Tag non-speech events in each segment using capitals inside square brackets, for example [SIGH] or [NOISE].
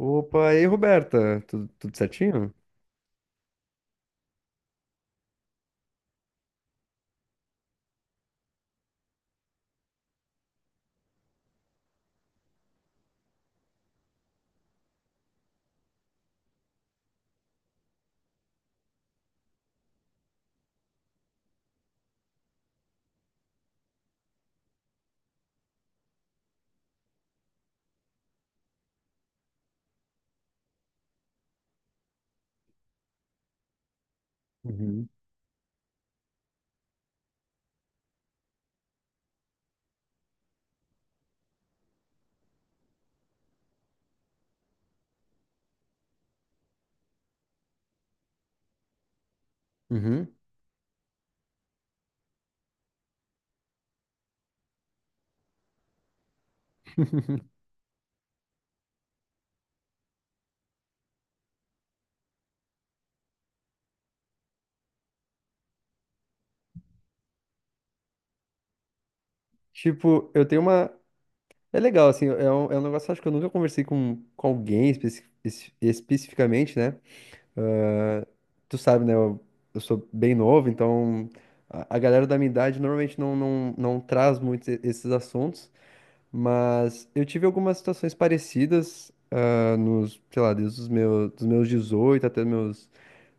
Opa, e aí, Roberta? Tudo certinho? Uhum. Uhum. Tipo, eu tenho uma. É legal, assim, é um negócio acho que eu nunca conversei com alguém especificamente, né? Ah, Tu sabe, né? Eu sou bem novo, então a galera da minha idade normalmente não traz muito esses assuntos, mas eu tive algumas situações parecidas nos, sei lá, desde os meus, dos meus 18 até meus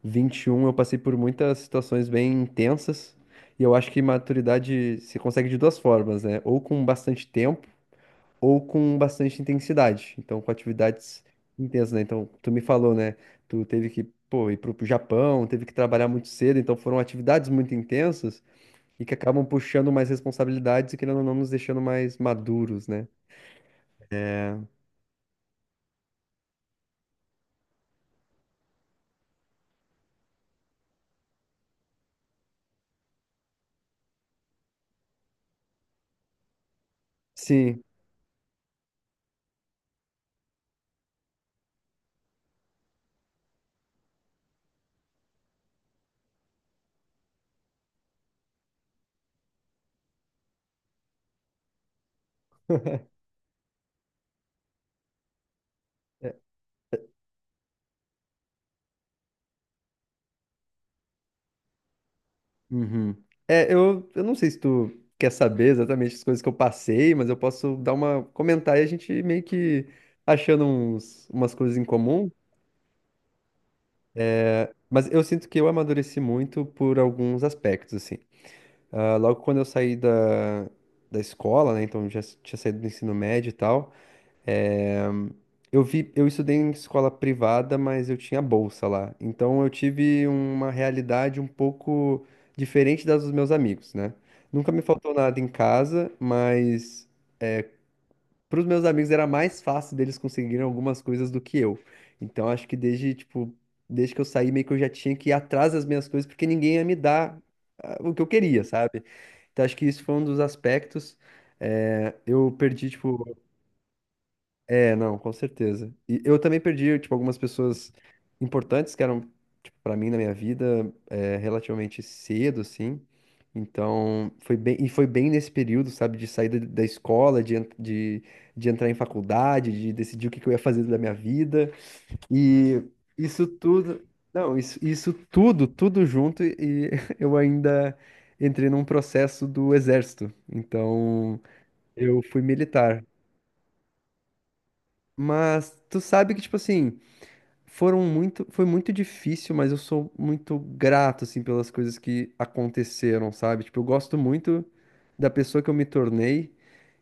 21, eu passei por muitas situações bem intensas. E eu acho que maturidade se consegue de duas formas, né? Ou com bastante tempo, ou com bastante intensidade. Então, com atividades intensas, né? Então, tu me falou, né? Tu teve que, pô, ir pro Japão, teve que trabalhar muito cedo. Então, foram atividades muito intensas e que acabam puxando mais responsabilidades e, querendo ou não, nos deixando mais maduros, né? Sim. [LAUGHS] Uhum. É, eu não sei se tu quer saber exatamente as coisas que eu passei, mas eu posso dar uma comentar e a gente meio que achando uns, umas coisas em comum. Mas eu sinto que eu amadureci muito por alguns aspectos, assim. Ah, logo quando eu saí da escola, né? Então tinha saído do ensino médio e tal. É, eu vi, eu estudei em escola privada, mas eu tinha bolsa lá. Então eu tive uma realidade um pouco diferente das dos meus amigos, né? Nunca me faltou nada em casa, mas para os meus amigos era mais fácil deles conseguirem algumas coisas do que eu. Então acho que desde, tipo, desde que eu saí, meio que eu já tinha que ir atrás das minhas coisas, porque ninguém ia me dar ah, o que eu queria, sabe? Então acho que isso foi um dos aspectos. Eu perdi, tipo, é, não, com certeza. E eu também perdi, tipo, algumas pessoas importantes que eram, tipo, pra mim na minha vida, é, relativamente cedo, assim. Então, foi bem, e foi bem nesse período, sabe, de saída da escola, de entrar em faculdade, de decidir o que que eu ia fazer da minha vida. E isso tudo, não, isso, isso tudo junto, e [LAUGHS] eu ainda entrei num processo do exército. Então, eu fui militar. Mas tu sabe que, tipo assim, foram muito, foi muito difícil, mas eu sou muito grato, assim, pelas coisas que aconteceram, sabe? Tipo, eu gosto muito da pessoa que eu me tornei,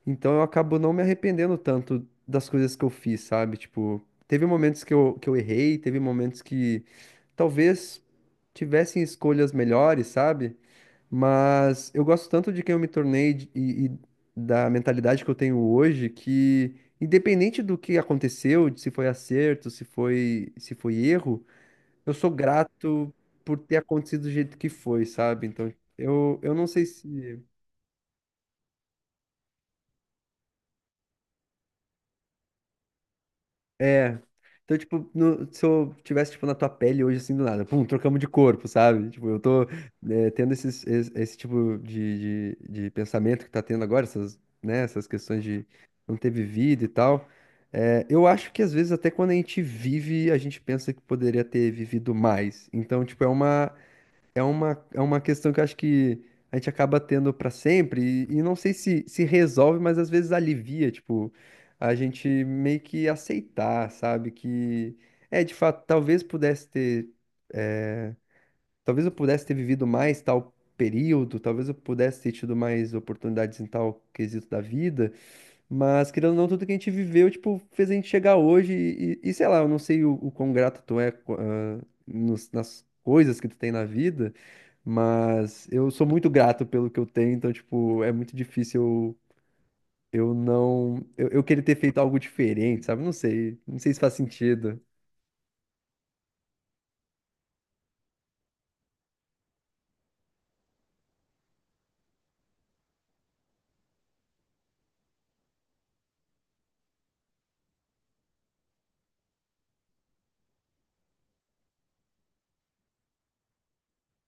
então eu acabo não me arrependendo tanto das coisas que eu fiz, sabe? Tipo, teve momentos que eu errei, teve momentos que talvez tivessem escolhas melhores, sabe? Mas eu gosto tanto de quem eu me tornei e da mentalidade que eu tenho hoje que, independente do que aconteceu, de se foi acerto, se foi erro, eu sou grato por ter acontecido do jeito que foi, sabe? Então, eu não sei se. É. Então, tipo, se eu tivesse, tipo, na tua pele hoje, assim, do nada, pum, trocamos de corpo, sabe? Tipo, eu tô tendo esse tipo de pensamento que tá tendo agora, essas, né, essas questões de não ter vivido e tal. Eu acho que, às vezes, até quando a gente vive, a gente pensa que poderia ter vivido mais. Então, tipo, é uma questão que eu acho que a gente acaba tendo pra sempre e não sei se resolve, mas às vezes alivia, tipo, a gente meio que aceitar, sabe? Que é, de fato, talvez pudesse ter, eh, talvez eu pudesse ter vivido mais tal período, talvez eu pudesse ter tido mais oportunidades em tal quesito da vida, mas, querendo ou não, tudo que a gente viveu, tipo, fez a gente chegar hoje e, e sei lá, eu não sei o quão grato tu é, nas coisas que tu tem na vida, mas eu sou muito grato pelo que eu tenho, então, tipo, é muito difícil eu não... eu querer ter feito algo diferente, sabe? Não sei, não sei se faz sentido.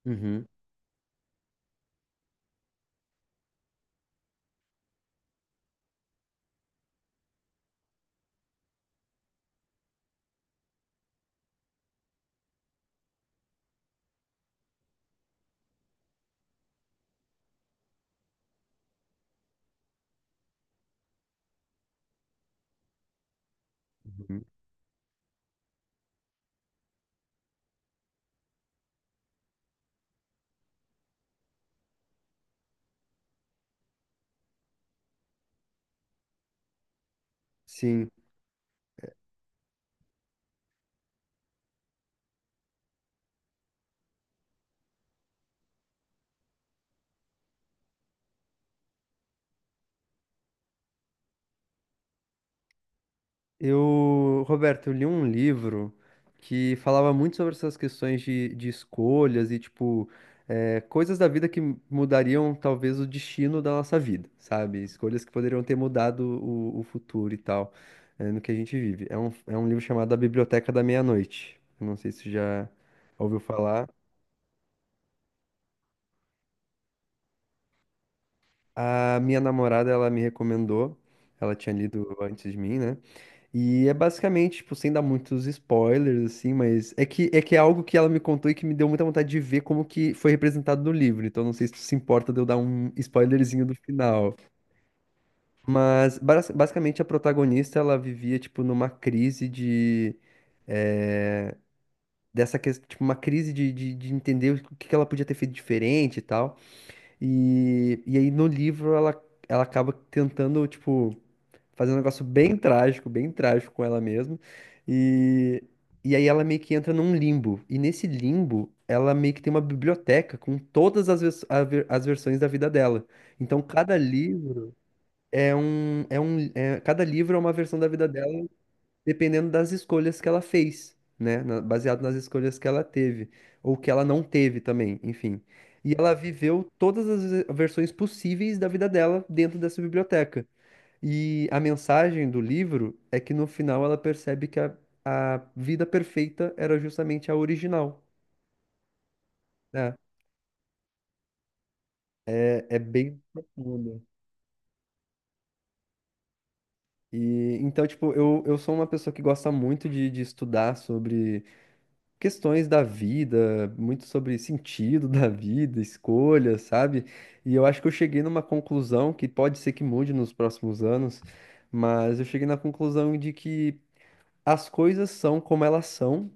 Uhum. Uhum. Sim. Eu, Roberto, eu li um livro que falava muito sobre essas questões de escolhas e, tipo, coisas da vida que mudariam talvez o destino da nossa vida, sabe? Escolhas que poderiam ter mudado o futuro e tal, no que a gente vive. É um livro chamado A Biblioteca da Meia-Noite. Eu não sei se você já ouviu falar. A minha namorada, ela me recomendou, ela tinha lido antes de mim, né? E é basicamente, tipo, sem dar muitos spoilers, assim, mas é que, é que é algo que ela me contou e que me deu muita vontade de ver como que foi representado no livro. Então não sei se tu se importa de eu dar um spoilerzinho do final. Mas basicamente a protagonista, ela vivia, tipo, numa crise de... eh, dessa questão, tipo, uma crise de entender o que que ela podia ter feito diferente e tal. E aí no livro ela, ela acaba tentando, tipo fazendo um negócio bem trágico com ela mesma. E, e aí ela meio que entra num limbo. E nesse limbo, ela meio que tem uma biblioteca com todas as, as versões da vida dela. Então cada livro cada livro é uma versão da vida dela, dependendo das escolhas que ela fez, né? Baseado nas escolhas que ela teve, ou que ela não teve também, enfim. E ela viveu todas as versões possíveis da vida dela dentro dessa biblioteca. E a mensagem do livro é que no final ela percebe que a vida perfeita era justamente a original, né? É, é bem profundo. E então, tipo, eu sou uma pessoa que gosta muito de estudar sobre questões da vida, muito sobre sentido da vida, escolhas, sabe? E eu acho que eu cheguei numa conclusão que pode ser que mude nos próximos anos, mas eu cheguei na conclusão de que as coisas são como elas são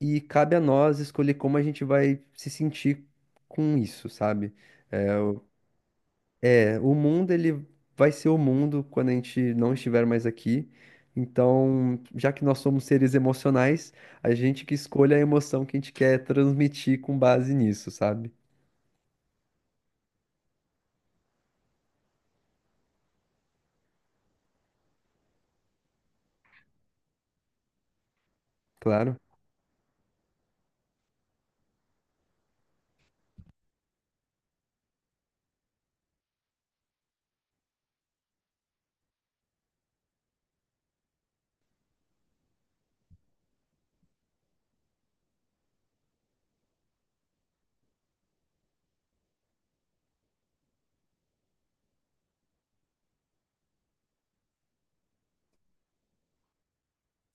e cabe a nós escolher como a gente vai se sentir com isso, sabe? É, o o mundo, ele vai ser o mundo quando a gente não estiver mais aqui. Então, já que nós somos seres emocionais, a gente que escolhe a emoção que a gente quer transmitir com base nisso, sabe? Claro.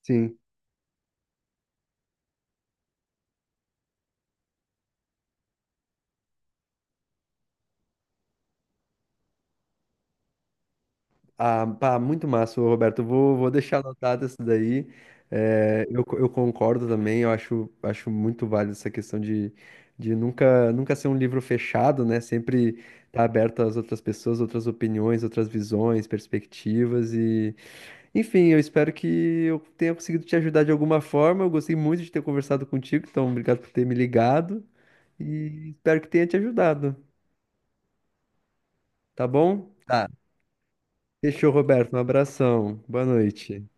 Sim. Ah, pá, muito massa, ô, Roberto. Eu vou, vou deixar anotado isso daí. É, eu, eu concordo também, eu acho, acho muito válido essa questão de nunca ser um livro fechado, né? Sempre estar aberto às outras pessoas, outras opiniões, outras visões, perspectivas e... Enfim, eu espero que eu tenha conseguido te ajudar de alguma forma. Eu gostei muito de ter conversado contigo, então obrigado por ter me ligado e espero que tenha te ajudado, tá bom? Tá. Fechou, Roberto. Um abração. Boa noite.